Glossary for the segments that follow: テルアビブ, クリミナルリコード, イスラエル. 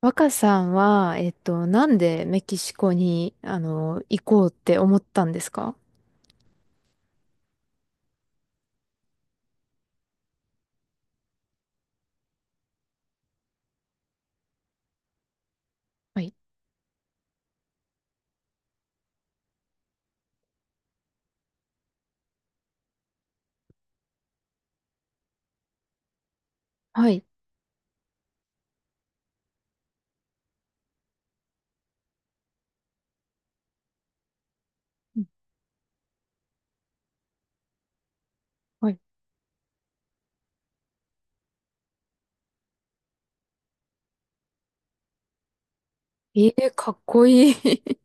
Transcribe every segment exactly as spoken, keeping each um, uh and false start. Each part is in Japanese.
若さんは、えっと、なんでメキシコに、あの、行こうって思ったんですか？はい。はい。うん。はい。ええ、かっこいい。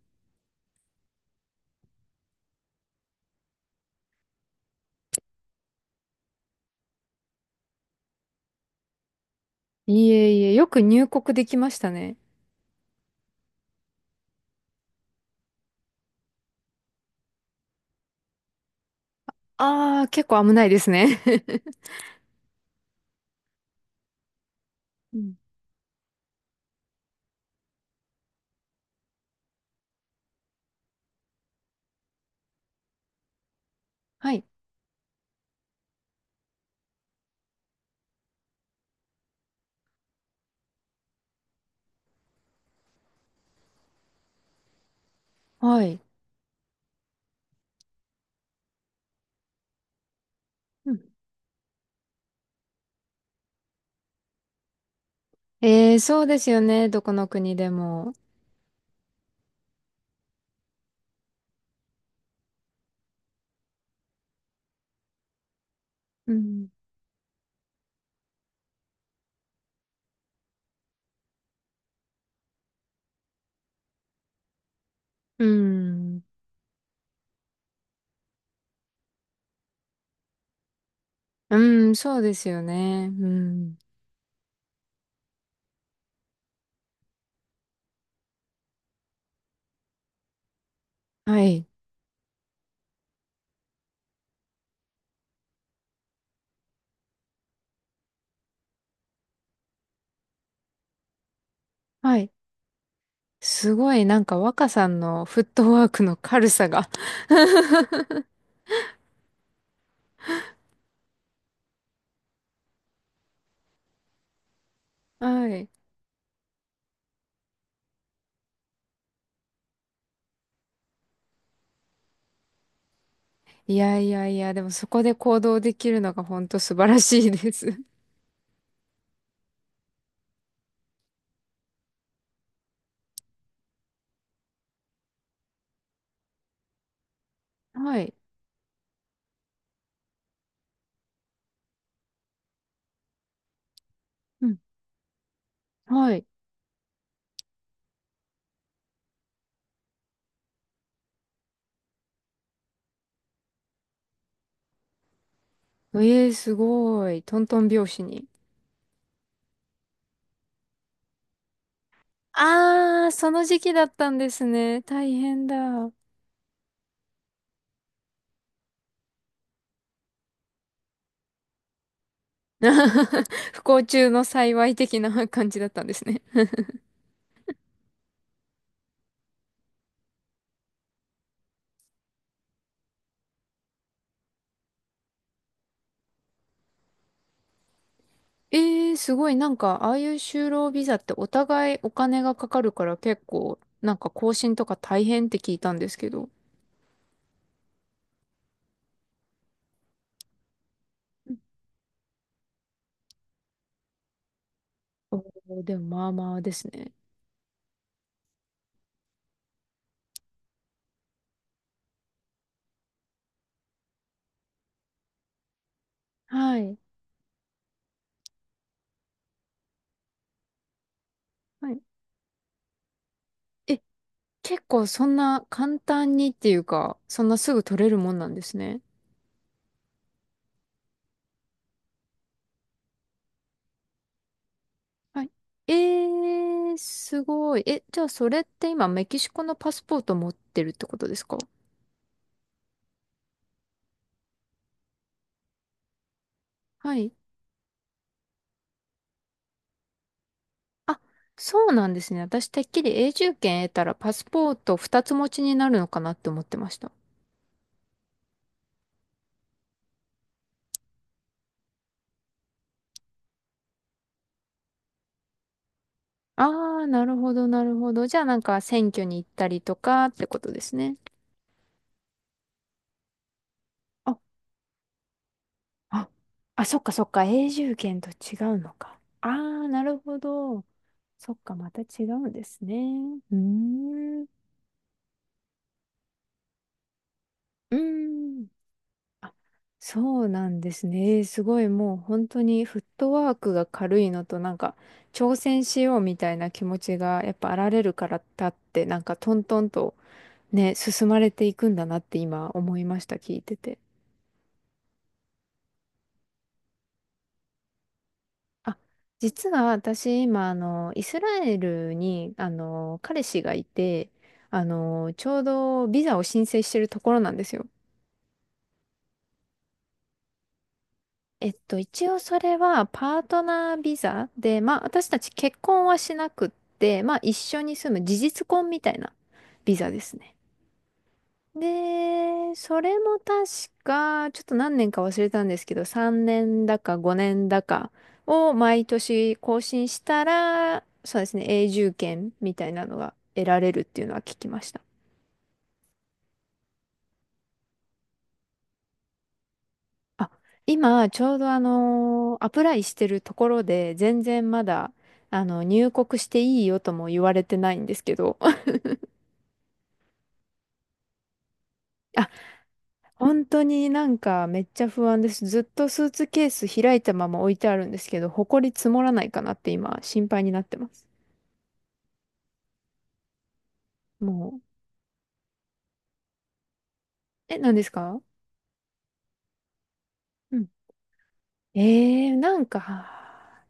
いえいえ、よく入国できましたね。ああ、結構危ないですね。うん。はい。はい。うん。ええ、そうですよね。どこの国でも。うん。うん。うん、そうですよね。うん。はい。はい。すごい、なんか若さんのフットワークの軽さが。 はい。いやいやいや、でもそこで行動できるのが本当素晴らしいです。はい。うん。はい。ええ、すごい。トントン拍子に。あー、その時期だったんですね。大変だ。不幸中の幸い的な感じだったんですね。えー、すごい。なんか、ああいう就労ビザってお互いお金がかかるから結構、なんか更新とか大変って聞いたんですけど。おー、でもまあまあですね。はい。はい。え、結構そんな簡単にっていうか、そんなすぐ取れるもんなんですね。はい。えー、すごい。え、じゃあそれって今メキシコのパスポート持ってるってことですか？はい。あ、そうなんですね。私、てっきり永住権得たらパスポートふたつ持ちになるのかなって思ってました。ああ、なるほど、なるほど。じゃあなんか選挙に行ったりとかってことですね。あ、あ、あ、そっかそっか。永住権と違うのか。ああ、なるほど。そっか、また違うんですね。うーん。うーん。あ、そうなんですね。えー、すごい。もう本当にフットワークが軽いのとなんか挑戦しようみたいな気持ちがやっぱあられるからだってなんかトントンとね、進まれていくんだなって今思いました、聞いてて。あ、実は私今あの、イスラエルにあの、彼氏がいて、あの、ちょうどビザを申請してるところなんですよ。えっと、一応それはパートナービザで、まあ私たち結婚はしなくって、まあ一緒に住む事実婚みたいなビザですね。で、それも確か、ちょっと何年か忘れたんですけど、さんねんだかごねんだかを毎年更新したら、そうですね、永住権みたいなのが得られるっていうのは聞きました。あ、今、ちょうどあの、アプライしてるところで、全然まだ、あの、入国していいよとも言われてないんですけど。あ、本当になんかめっちゃ不安です。ずっとスーツケース開いたまま置いてあるんですけど、埃積もらないかなって今、心配になってます。もう。え、何ですか？うん。えー、なんか、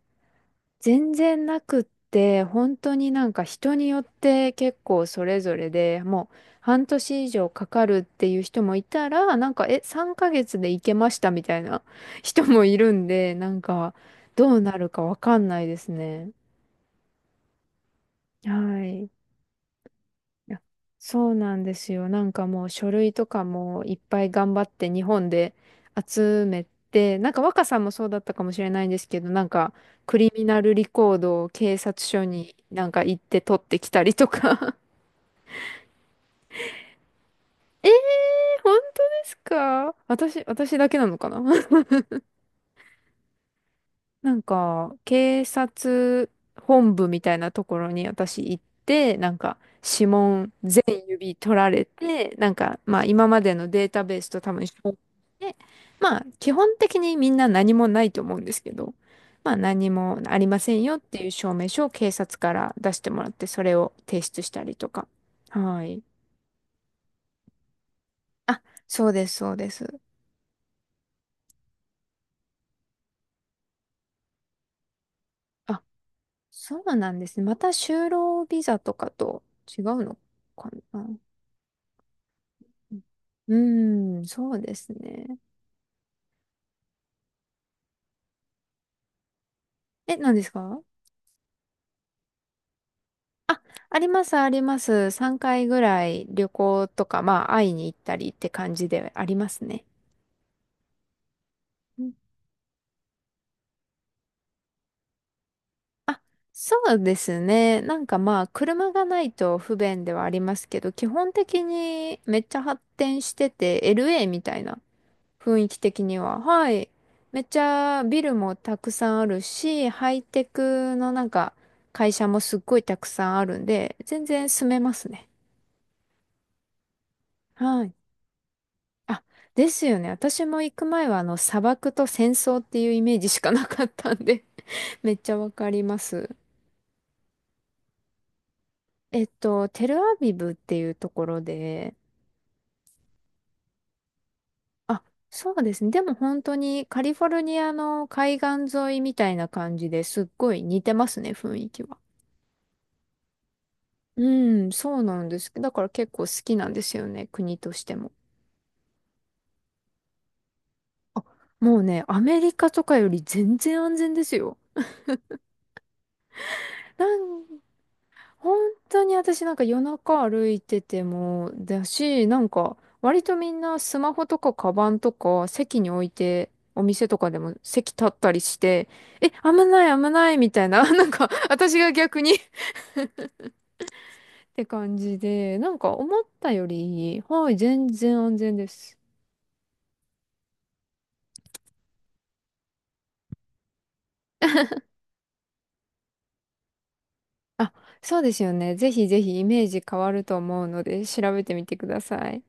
全然なくって、本当になんか人によって結構それぞれで、もう半年以上かかるっていう人もいたら、なんか、え、さんかげつで行けましたみたいな人もいるんで、なんか、どうなるかわかんないですね。はい。いや、そうなんですよ。なんかもう書類とかもいっぱい頑張って日本で集めて、なんか若さんもそうだったかもしれないんですけど、なんかクリミナルリコードを警察署になんか行って取ってきたりとか。えー、本当ですか？私、私だけなのかな。 なんか、警察本部みたいなところに私行って、なんか、指紋全指取られて、なんか、まあ今までのデータベースと多分照合して、まあ基本的にみんな何もないと思うんですけど、まあ何もありませんよっていう証明書を警察から出してもらって、それを提出したりとか。はい。あ、そうです、そうです。あ、そうなんですね。また就労ビザとかと違うのかな。うん、うーん、そうですね。え、何ですか？あ、あります、あります。さんかいぐらい旅行とか、まあ、会いに行ったりって感じでありますね。うん。あ、そうですね。なんかまあ、車がないと不便ではありますけど、基本的にめっちゃ発展してて、エルエー みたいな雰囲気的には、はい。めっちゃビルもたくさんあるし、ハイテクのなんか会社もすっごいたくさんあるんで、全然住めますね。はい。あ、ですよね。私も行く前は、あの、砂漠と戦争っていうイメージしかなかったんで。 めっちゃわかります。えっと、テルアビブっていうところで、あ、そうですね。でも本当にカリフォルニアの海岸沿いみたいな感じで、すっごい似てますね、雰囲気は。うん、そうなんです。だから結構好きなんですよね、国としても。あ、もうね、アメリカとかより全然安全ですよ。なん本当に私なんか夜中歩いててもだし、なんか割とみんなスマホとかカバンとか席に置いてお店とかでも席立ったりして、え、危ない危ないみたいな、なんか私が逆に って感じで、なんか思ったより、はい、全然安全です。あ、そうですよね。ぜひぜひイメージ変わると思うので調べてみてください。